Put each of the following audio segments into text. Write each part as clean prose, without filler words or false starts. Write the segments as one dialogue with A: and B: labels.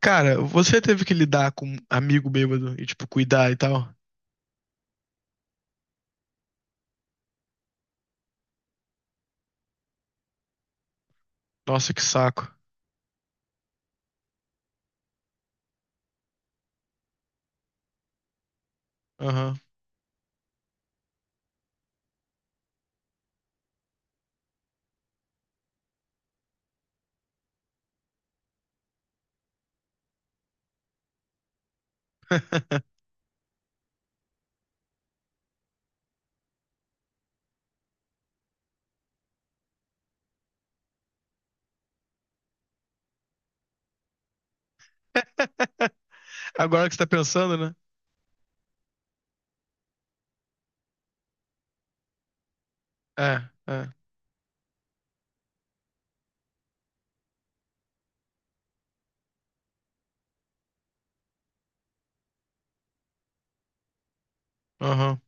A: Cara, você teve que lidar com um amigo bêbado e, tipo, cuidar e tal? Nossa, que saco. Aham. Agora que você tá pensando, né? É, é. Aham.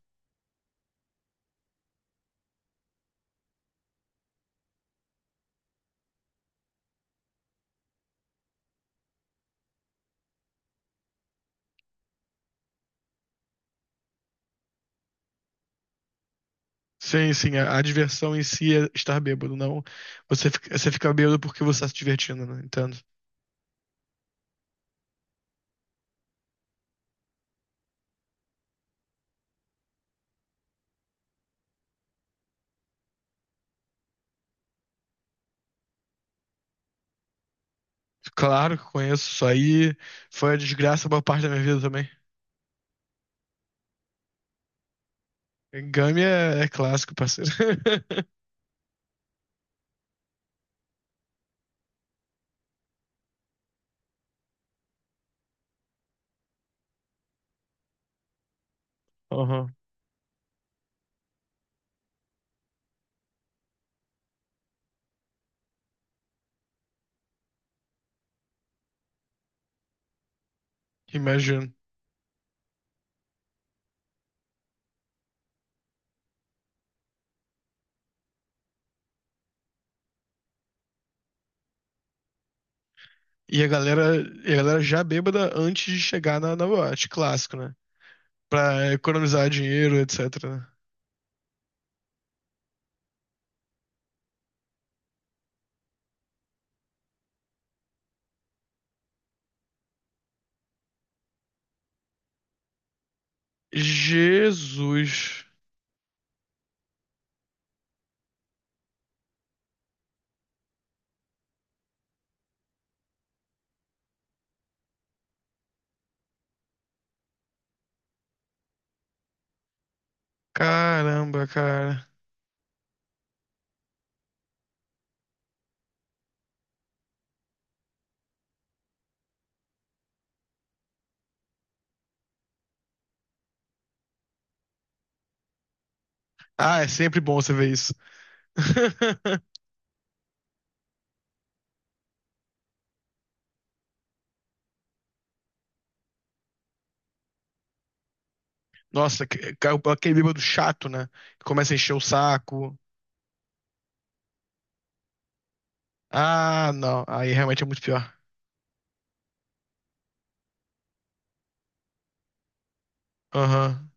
A: Sim, sim. A diversão em si é estar bêbado, não. Você fica bêbado porque você tá se divertindo, né? Entendo. Claro que conheço isso aí. Foi a desgraça boa parte da minha vida também. Game é clássico, parceiro. Aham. Imagino. E a galera, e a galera já bêbada antes de chegar na boate, clássico, né? Pra economizar dinheiro, etc. Jesus. Caramba, cara. Ah, é sempre bom você ver isso. Nossa, aquele bêbado chato, né? Que começa a encher o saco. Ah, não. Aí realmente é muito pior. Aham.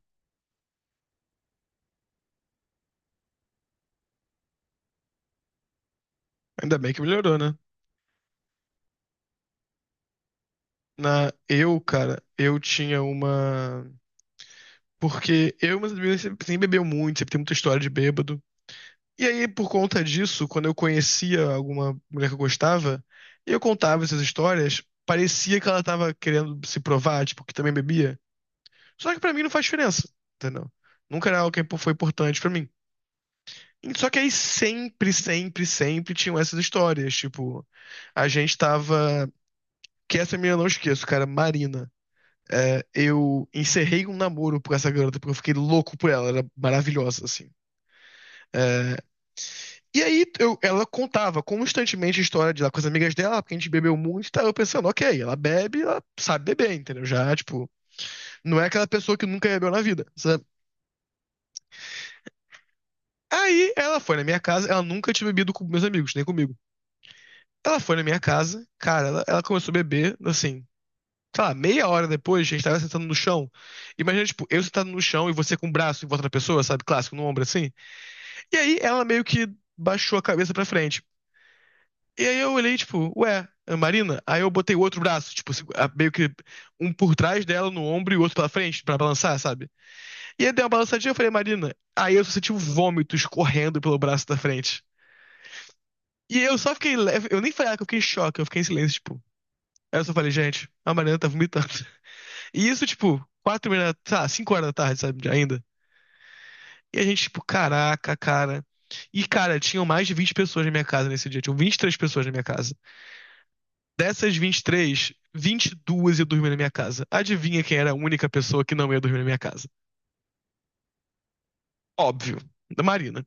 A: Ainda bem que melhorou, né? Eu, cara, eu tinha uma. Porque eu, mas sempre bebeu muito, sempre tem muita história de bêbado. E aí, por conta disso, quando eu conhecia alguma mulher que eu gostava, e eu contava essas histórias, parecia que ela tava querendo se provar, tipo, que também bebia. Só que pra mim não faz diferença, entendeu? Nunca era algo que foi importante pra mim. Só que aí sempre, sempre, sempre tinham essas histórias, tipo, a gente tava, que essa menina eu não esqueço, cara, Marina. É, eu encerrei um namoro com essa garota porque eu fiquei louco por ela, ela era maravilhosa, assim. É, Ela contava constantemente a história de lá com as amigas dela, porque a gente bebeu muito, e tá eu pensando, ok, ela bebe, ela sabe beber, entendeu? Já, tipo, não é aquela pessoa que nunca bebeu na vida, sabe? Aí ela foi na minha casa, ela nunca tinha bebido com meus amigos, nem comigo. Ela foi na minha casa, cara, ela começou a beber, assim, sei lá, meia hora depois, a gente tava sentando no chão. Imagina, tipo, eu sentado no chão e você com o braço em volta da pessoa, sabe? Clássico, no ombro assim. E aí ela meio que baixou a cabeça pra frente. E aí eu olhei, tipo, ué, Ana Marina? Aí eu botei o outro braço, tipo, meio que um por trás dela no ombro e o outro pela frente pra balançar, sabe? E aí deu uma balançadinha, eu falei, Marina. Aí eu só senti um vômito escorrendo pelo braço da frente. E eu só fiquei leve, eu nem falei ah, que eu fiquei em choque, eu fiquei em silêncio, tipo. Aí eu só falei, gente, a Marina tá vomitando. E isso, tipo, 4 horas, tá, 5 horas da tarde, sabe, ainda. E a gente, tipo, caraca, cara. E, cara, tinham mais de 20 pessoas na minha casa nesse dia, tinham 23 pessoas na minha casa. Dessas vinte e três, 22 ia dormir na minha casa. Adivinha quem era a única pessoa que não ia dormir na minha casa? Óbvio, da Marina.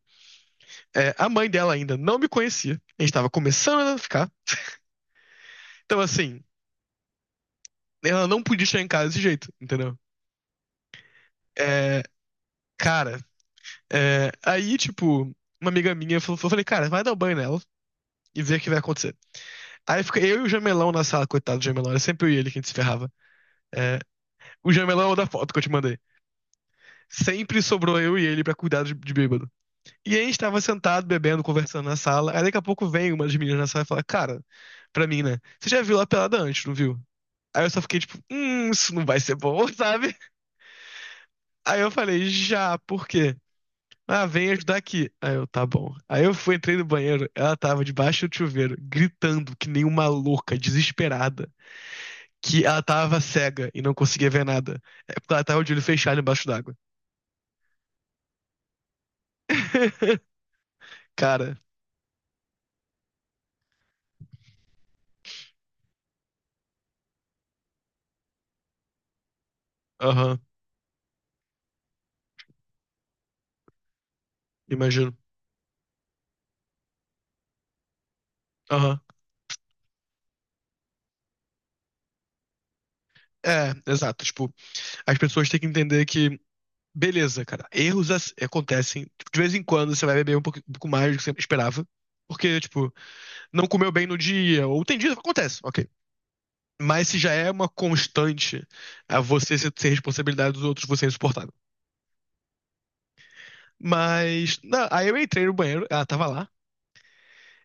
A: É, a mãe dela ainda não me conhecia. A gente tava começando a ficar. Então, assim, ela não podia chegar em casa desse jeito, entendeu? É, cara, aí, tipo, uma amiga minha falou, eu falei, cara, vai dar um banho nela e ver o que vai acontecer. Aí fica eu e o Jamelão na sala, coitado do Jamelão, era sempre eu e ele que a gente se ferrava. É, o Jamelão é o da foto que eu te mandei. Sempre sobrou eu e ele pra cuidar de bêbado. E aí a gente tava sentado, bebendo, conversando na sala. Aí daqui a pouco vem uma das meninas na sala e fala, cara, pra mim, né? Você já viu lá pelada antes, não viu? Aí eu só fiquei tipo, isso não vai ser bom, sabe? Aí eu falei, já, por quê? Ah, vem ajudar aqui. Aí eu, tá bom. Aí eu fui, entrei no banheiro, ela tava debaixo do chuveiro, gritando que nem uma louca, desesperada, que ela tava cega e não conseguia ver nada. É porque ela tava de olho fechado embaixo d'água. Cara, aham, imagino. Aham. É, exato, tipo, as pessoas têm que entender que, beleza, cara, erros acontecem. Tipo, de vez em quando você vai beber um pouco mais do que você esperava. Porque, tipo, não comeu bem no dia, ou tem dias que acontece, ok. Mas se já é uma constante a você ser responsabilidade dos outros, você é insuportável. Mas, não, aí eu entrei no banheiro, ela tava lá.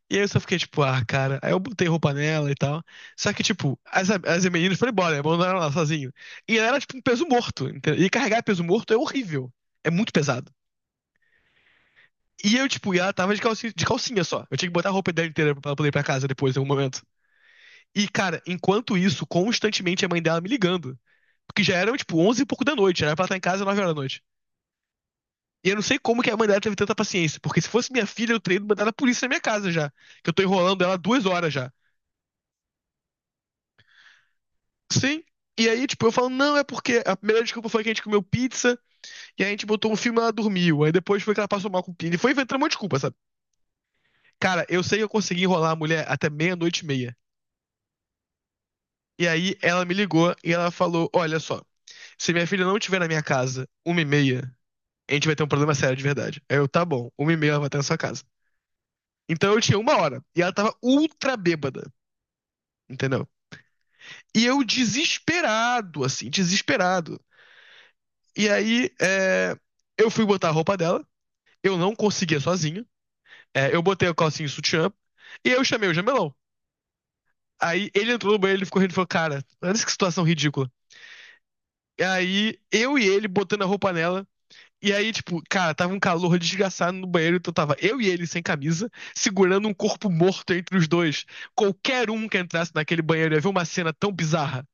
A: E aí eu só fiquei, tipo, ah, cara. Aí eu botei roupa nela e tal. Só que, tipo, as meninas foram embora, abandonaram ela sozinho. E ela era, tipo, um peso morto, entendeu? E carregar peso morto é horrível. É muito pesado. E eu, tipo, e ela tava de calcinha só. Eu tinha que botar a roupa dela inteira pra ela poder ir pra casa depois, em algum momento. E, cara, enquanto isso, constantemente a mãe dela me ligando. Porque já eram, tipo, 11 e pouco da noite. Já era pra ela estar em casa às 9 horas da noite. E eu não sei como que a mãe dela teve tanta paciência. Porque se fosse minha filha, eu teria mandado a polícia na minha casa já. Que eu tô enrolando ela 2 horas já. Sim. E aí, tipo, eu falo, não, é porque a primeira desculpa foi que a gente comeu pizza, e aí a gente botou um filme e ela dormiu. Aí depois foi que ela passou mal com pizza. E foi inventando uma desculpa, sabe? Cara, eu sei que eu consegui enrolar a mulher até meia-noite e meia. E aí ela me ligou e ela falou: Olha só, se minha filha não estiver na minha casa uma e meia, a gente vai ter um problema sério de verdade. Aí eu, tá bom, uma e meia ela vai estar na sua casa. Então eu tinha 1 hora e ela tava ultra bêbada, entendeu? E eu desesperado, assim, desesperado. E aí eu fui botar a roupa dela, eu não conseguia sozinho. É, eu botei o calcinho e o sutiã e eu chamei o Jamelão. Aí ele entrou no banheiro, ele ficou rindo e falou: Cara, olha que situação ridícula. E aí eu e ele botando a roupa nela. E aí, tipo, cara, tava um calor desgraçado no banheiro, então tava eu e ele sem camisa, segurando um corpo morto entre os dois. Qualquer um que entrasse naquele banheiro ia ver uma cena tão bizarra.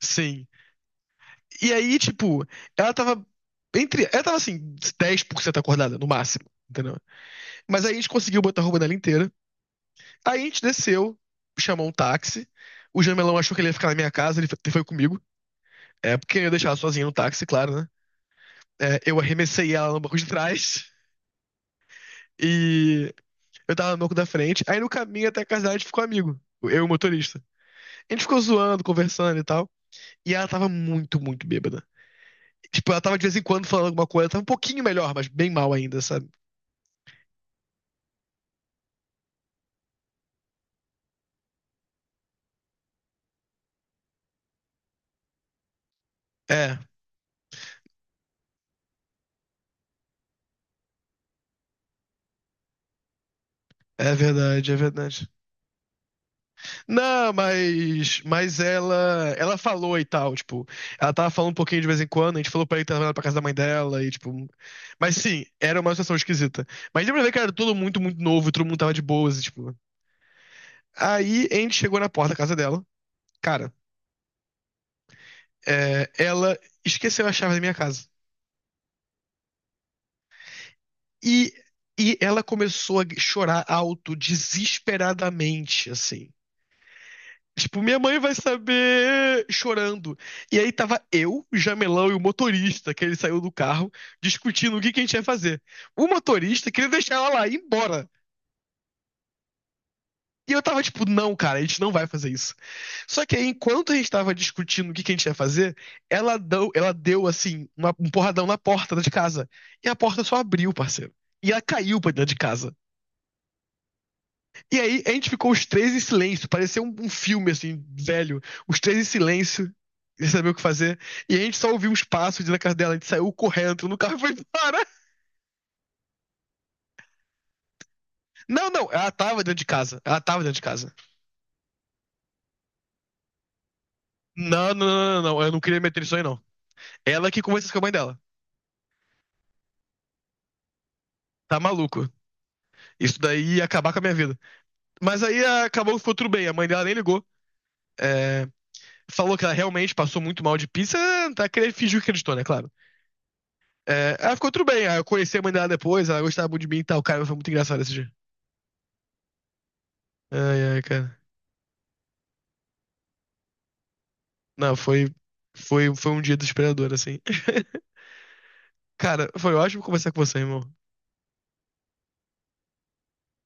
A: Sim. E aí, tipo, ela tava entre. Ela tava assim, 10% acordada, no máximo, entendeu? Mas aí a gente conseguiu botar a roupa dela inteira. Aí a gente desceu, chamou um táxi. O Jamelão achou que ele ia ficar na minha casa, ele foi comigo. É, porque eu ia deixar ela sozinha no táxi, claro, né? É, eu arremessei ela no banco de trás. E eu tava no banco da frente. Aí no caminho até a casa dela a gente ficou amigo. Eu e o motorista. A gente ficou zoando, conversando e tal. E ela tava muito, muito bêbada. Tipo, ela tava de vez em quando falando alguma coisa. Tava um pouquinho melhor, mas bem mal ainda, sabe? É, é verdade, é verdade. Não, mas ela, falou e tal, tipo, ela tava falando um pouquinho de vez em quando, a gente falou pra ele trazer ela que tava pra casa da mãe dela e tipo, mas sim, era uma situação esquisita. Mas deu pra ver que era tudo muito, muito novo, e todo mundo tava de boas, e, tipo. Aí a gente chegou na porta da casa dela. Cara, ela esqueceu a chave da minha casa. E, e ela começou a chorar alto, desesperadamente, assim. Tipo, minha mãe vai saber chorando. E aí tava eu, o Jamelão e o motorista, que ele saiu do carro, discutindo o que a gente ia fazer. O motorista queria deixar ela lá, ir embora. E eu tava tipo, não, cara, a gente não vai fazer isso. Só que aí, enquanto a gente tava discutindo o que que a gente ia fazer, ela deu assim, um porradão na porta de casa. E a porta só abriu, parceiro. E ela caiu pra dentro de casa. E aí, a gente ficou os três em silêncio. Parecia um filme, assim, velho. Os três em silêncio, sem saber o que fazer. E a gente só ouviu uns passos na casa dela. A gente saiu correndo, entrou no carro e foi embora. Não, não, ela tava dentro de casa. Ela tava dentro de casa. Não, não, não, não, não. Eu não queria meter isso aí, não. Ela que conversou com a mãe dela. Tá maluco. Isso daí ia acabar com a minha vida. Mas aí acabou que ficou tudo bem. A mãe dela nem ligou. É, falou que ela realmente passou muito mal de pizza. Tá, fingiu que acreditou, né? Claro. É, ela ficou tudo bem. Eu conheci a mãe dela depois. Ela gostava muito de mim e tal. Cara, foi muito engraçado esse dia. Ai, ai, cara. Não, foi, um dia desesperador, assim. Cara, foi ótimo conversar com você, irmão.